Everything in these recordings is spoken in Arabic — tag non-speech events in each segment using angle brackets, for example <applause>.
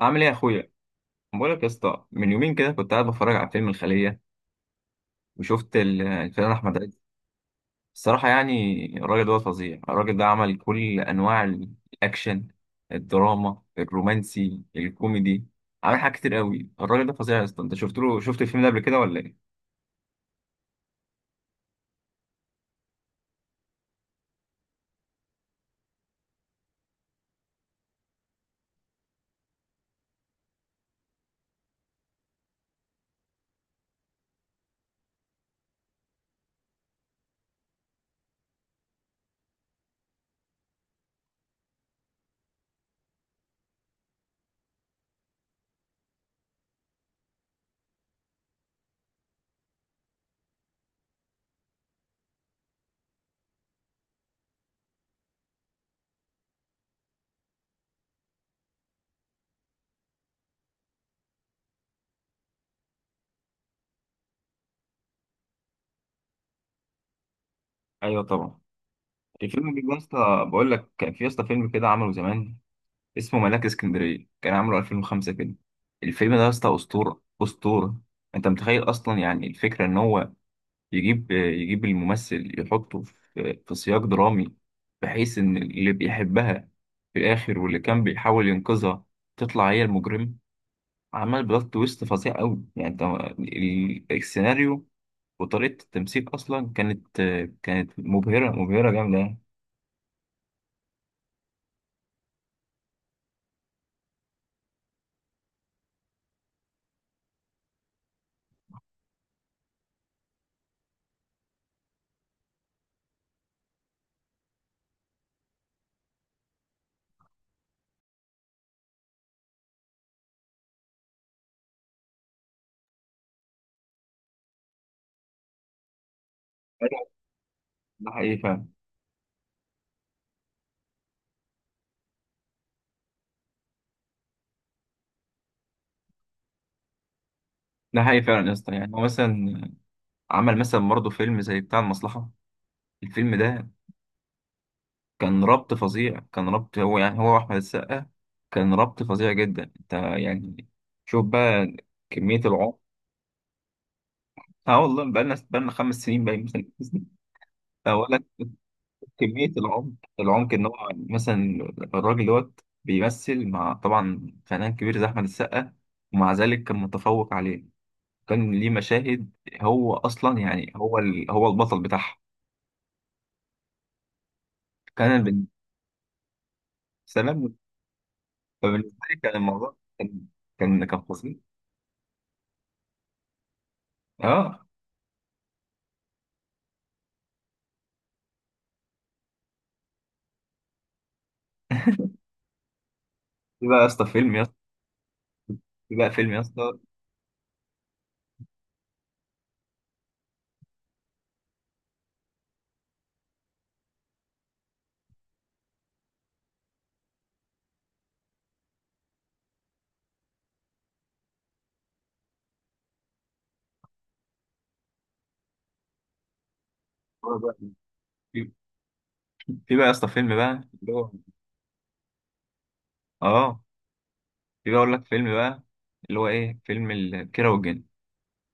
عامل ايه يا اخويا؟ بقولك يا اسطى، من يومين كده كنت قاعد بتفرج على فيلم الخليه، وشفت الفنان احمد عز. الصراحه يعني الراجل ده فظيع، الراجل ده عمل كل انواع الاكشن، الدراما، الرومانسي، الكوميدي. عمل حاجات كتير قوي، الراجل ده فظيع يا اسطى. انت شفت له، شفت الفيلم ده قبل كده ولا ايه؟ ايوه طبعا. الفيلم ده يا اسطى، بقول لك كان في يا اسطى فيلم كده عمله زمان، اسمه ملاك اسكندريه، كان عامله 2005 كده. الفيلم ده يا اسطى اسطوره اسطوره. انت متخيل اصلا يعني الفكره ان هو يجيب الممثل، يحطه في في سياق درامي، بحيث إن اللي بيحبها في الآخر واللي كان بيحاول ينقذها تطلع هي المجرم. عمل بلوت تويست فظيع أوي، يعني أنت السيناريو وطريقة التمثيل أصلا كانت، كانت مبهرة، مبهرة جامدة يعني. أيوة، ده حقيقي فعلا. ده حقيقي فعلا يا اسطى، يعني هو مثلا عمل مثلا برضه فيلم زي بتاع المصلحة. الفيلم ده كان ربط فظيع، كان ربط هو يعني هو واحمد السقا، كان ربط فظيع جدا. انت يعني شوف بقى كمية العمق. اه والله، بقالنا 5 سنين باين مثلا. اولا كمية العمق، العمق ان هو مثلا الراجل دوت بيمثل مع طبعا فنان كبير زي احمد السقا، ومع ذلك كان متفوق عليه. كان ليه مشاهد، هو اصلا يعني هو هو البطل بتاعها. كان بن... سلام. فبالنسبة لي كان الموضوع، كان كان فظيع. اه. في بقى يا اسطى فيلم يا اسطى في بقى فيلم يا اسطى هو بقى- في في بقى يا اسطى فيلم بقى اللي هو، اه، في بقى اقول لك فيلم بقى اللي هو ايه فيلم كيرة والجن.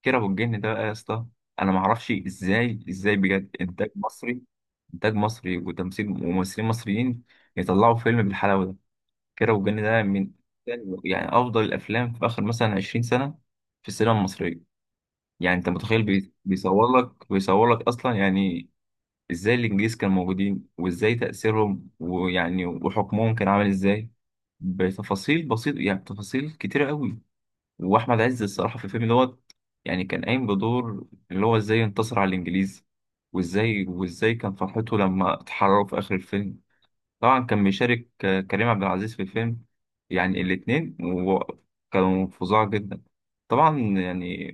كيرة والجن ده بقى يا اسطى، انا ما اعرفش ازاي، ازاي بجد انتاج مصري، انتاج مصري وتمثيل وممثلين مصريين يطلعوا فيلم بالحلاوه ده. كيرة والجن ده من يعني افضل الافلام في اخر مثلا 20 سنه في السينما المصريه. يعني انت متخيل بيصور لك اصلا يعني ازاي الانجليز كانوا موجودين، وازاي تأثيرهم ويعني وحكمهم كان عامل ازاي، بتفاصيل بسيطة يعني تفاصيل كتيرة قوي. واحمد عز الصراحة في الفيلم دوت يعني كان قايم بدور اللي هو ازاي انتصر على الانجليز، وازاي كان فرحته لما اتحرروا في اخر الفيلم. طبعا كان بيشارك كريم عبد العزيز في الفيلم. يعني الاتنين كانوا فظاع جدا طبعا يعني.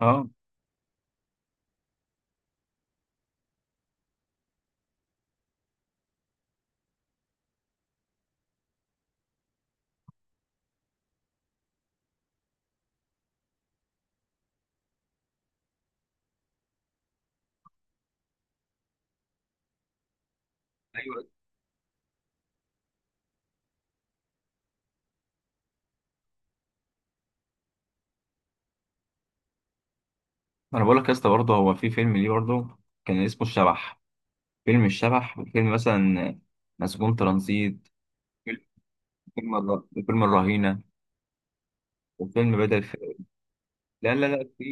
اه ايوه. انا بقول لك يا اسطى برضه هو في فيلم ليه برضه، كان اسمه الشبح. فيلم الشبح، وفيلم مثلا مسجون ترانزيت، فيلم فيلم الرهينة، وفيلم بدل فاقد. لا لا لا، في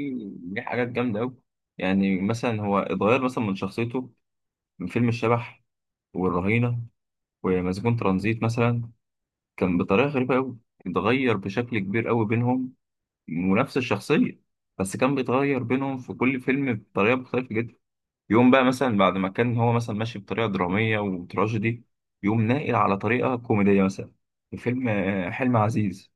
في حاجات جامدة أوي. يعني مثلا هو اتغير مثلا من شخصيته من فيلم الشبح والرهينة ومسجون ترانزيت مثلا، كان بطريقة غريبة أوي، اتغير بشكل كبير أوي بينهم. ونفس الشخصية بس كان بيتغير بينهم في كل فيلم بطريقة مختلفة جدا. يقوم بقى مثلا بعد ما كان هو مثلا ماشي بطريقة درامية وتراجيدي، يقوم ناقل على طريقة كوميدية مثلا في فيلم حلم عزيز.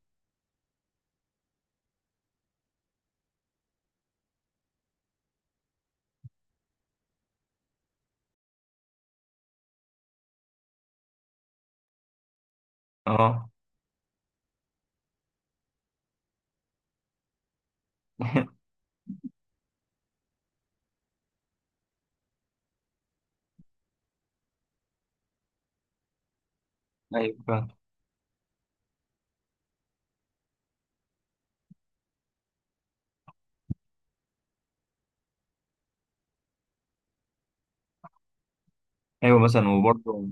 اه. <laughs> ايوه فعلا. ايوه مثلا وبرضه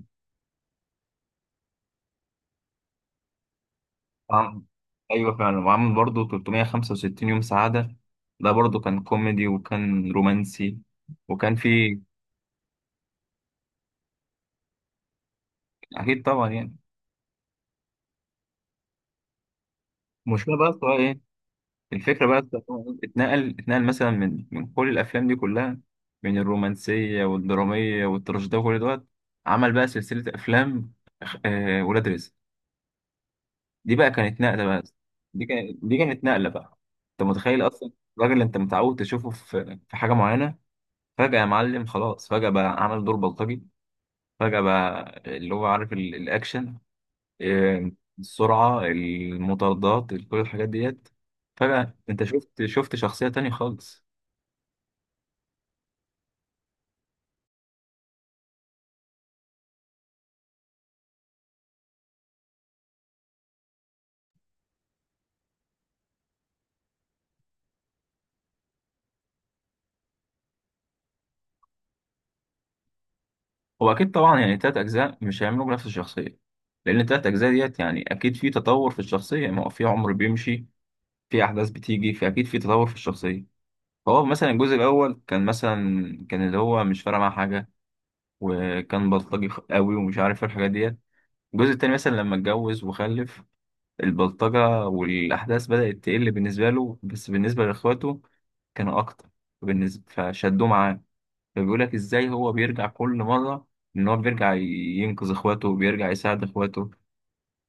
عم- ايوه فعلا. وعامل برضه 365 يوم سعادة، ده برضه كان كوميدي وكان رومانسي وكان فيه. اكيد طبعا يعني. المشكلة بقى في إيه؟ الفكرة بقى اتنقل، اتنقل مثلا من من كل الأفلام دي كلها، من الرومانسية والدرامية والتراجيدية وكل دوت. عمل بقى سلسلة أفلام، آه، ولاد رزق. دي بقى كانت نقلة بقى، دي كانت دي كانت نقلة بقى. أنت متخيل أصلا الراجل اللي أنت متعود تشوفه في في حاجة معينة، فجأة يا معلم خلاص، فجأة بقى عمل دور بلطجي، فجأة بقى اللي هو عارف الأكشن، آه، السرعة، المطاردات، كل الحاجات ديت. فجأة أنت شفت، شفت شخصية تانية خالص. هو اكيد طبعا يعني تلات اجزاء مش هيعملوا نفس الشخصيه، لان التلات اجزاء ديت يعني اكيد في تطور في الشخصيه. ما هو في عمر بيمشي، في احداث بتيجي، فاكيد في تطور في الشخصيه. فهو مثلا الجزء الاول كان مثلا، كان اللي هو مش فارق معاه حاجه وكان بلطجي قوي ومش عارف إيه الحاجات ديت. الجزء التاني مثلا لما اتجوز وخلف، البلطجه والاحداث بدات تقل بالنسبه له، بس بالنسبه لاخواته كانوا اكتر بالنسبه فشدوه معاه. فبيقول لك ازاي هو بيرجع كل مره، ان هو بيرجع ينقذ اخواته وبيرجع يساعد اخواته.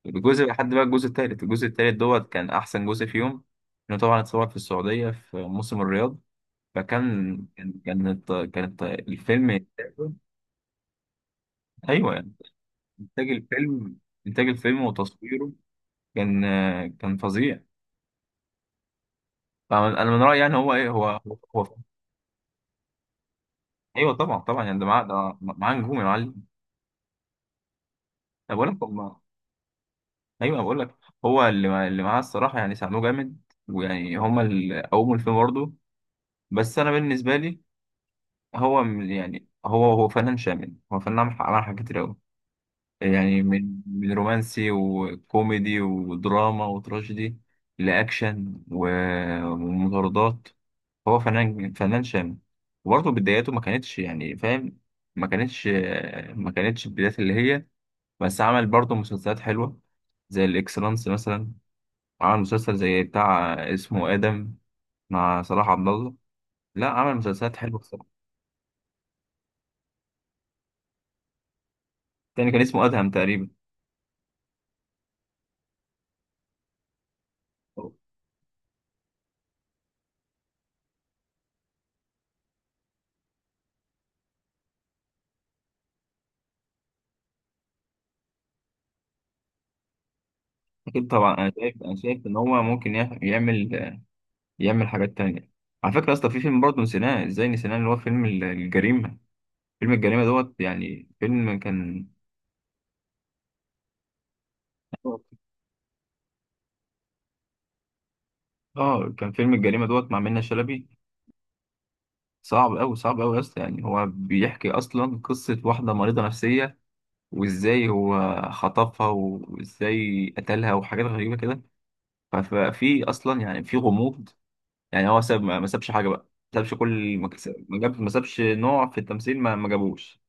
الجزء لحد بقى الجزء التالت، الجزء التالت دوت كان احسن جزء فيهم. انه طبعا اتصور في السعوديه في موسم الرياض، فكان كانت الفيلم. ايوه يعني انتاج الفيلم، انتاج الفيلم وتصويره كان، كان فظيع. طبعاً انا من رايي يعني هو ايه، هو هو ايوه طبعا طبعا يعني ده معاه، ده معاه نجوم يا معلم. انا بقول لك هم، ايوه بقول لك هو اللي معاه الصراحه يعني ساعدوه جامد، ويعني هما اللي قوموا الفيلم برضه. بس انا بالنسبه لي، يعني هو هو فنان شامل، هو فنان عمل، عمل حاجات كتير قوي، يعني من من رومانسي وكوميدي ودراما وتراجيدي لاكشن ومطاردات. هو فنان، فنان شامل. وبرضه بداياته ما كانتش يعني فاهم، ما كانتش، ما كانتش البدايات اللي هي، بس عمل برضه مسلسلات حلوه زي الاكسلانس مثلا. عمل مسلسل زي بتاع اسمه آدم مع صلاح عبد الله. لا عمل مسلسلات حلوة بصراحة. تاني كان اسمه أدهم تقريبا. أكيد طبعا. أنا شايف، أنا شايف إن هو ممكن يعمل، يعمل حاجات تانية. على فكرة أصلا في فيلم برضه نسيناه، إزاي نسيناه، اللي هو فيلم الجريمة. فيلم الجريمة دوت يعني فيلم كان، آه، كان فيلم الجريمة دوت مع منة شلبي. صعب أوي، صعب أوي يا اسطى، يعني هو بيحكي أصلا قصة واحدة مريضة نفسية وإزاي هو خطفها وإزاي قتلها وحاجات غريبة كده. ففي اصلا يعني في غموض. يعني هو ساب، ما سابش حاجه بقى، ما سابش، كل ما جاب، ما سابش نوع في التمثيل ما جابوش.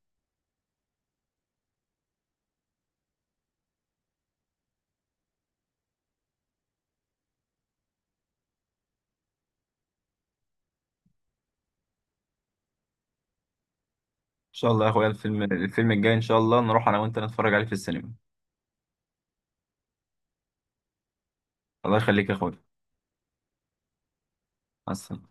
ان شاء الله يا اخويا، الفيلم الفيلم الجاي ان شاء الله نروح انا وانت نتفرج عليه في السينما. الله يخليك يا اخويا. مع السلامة.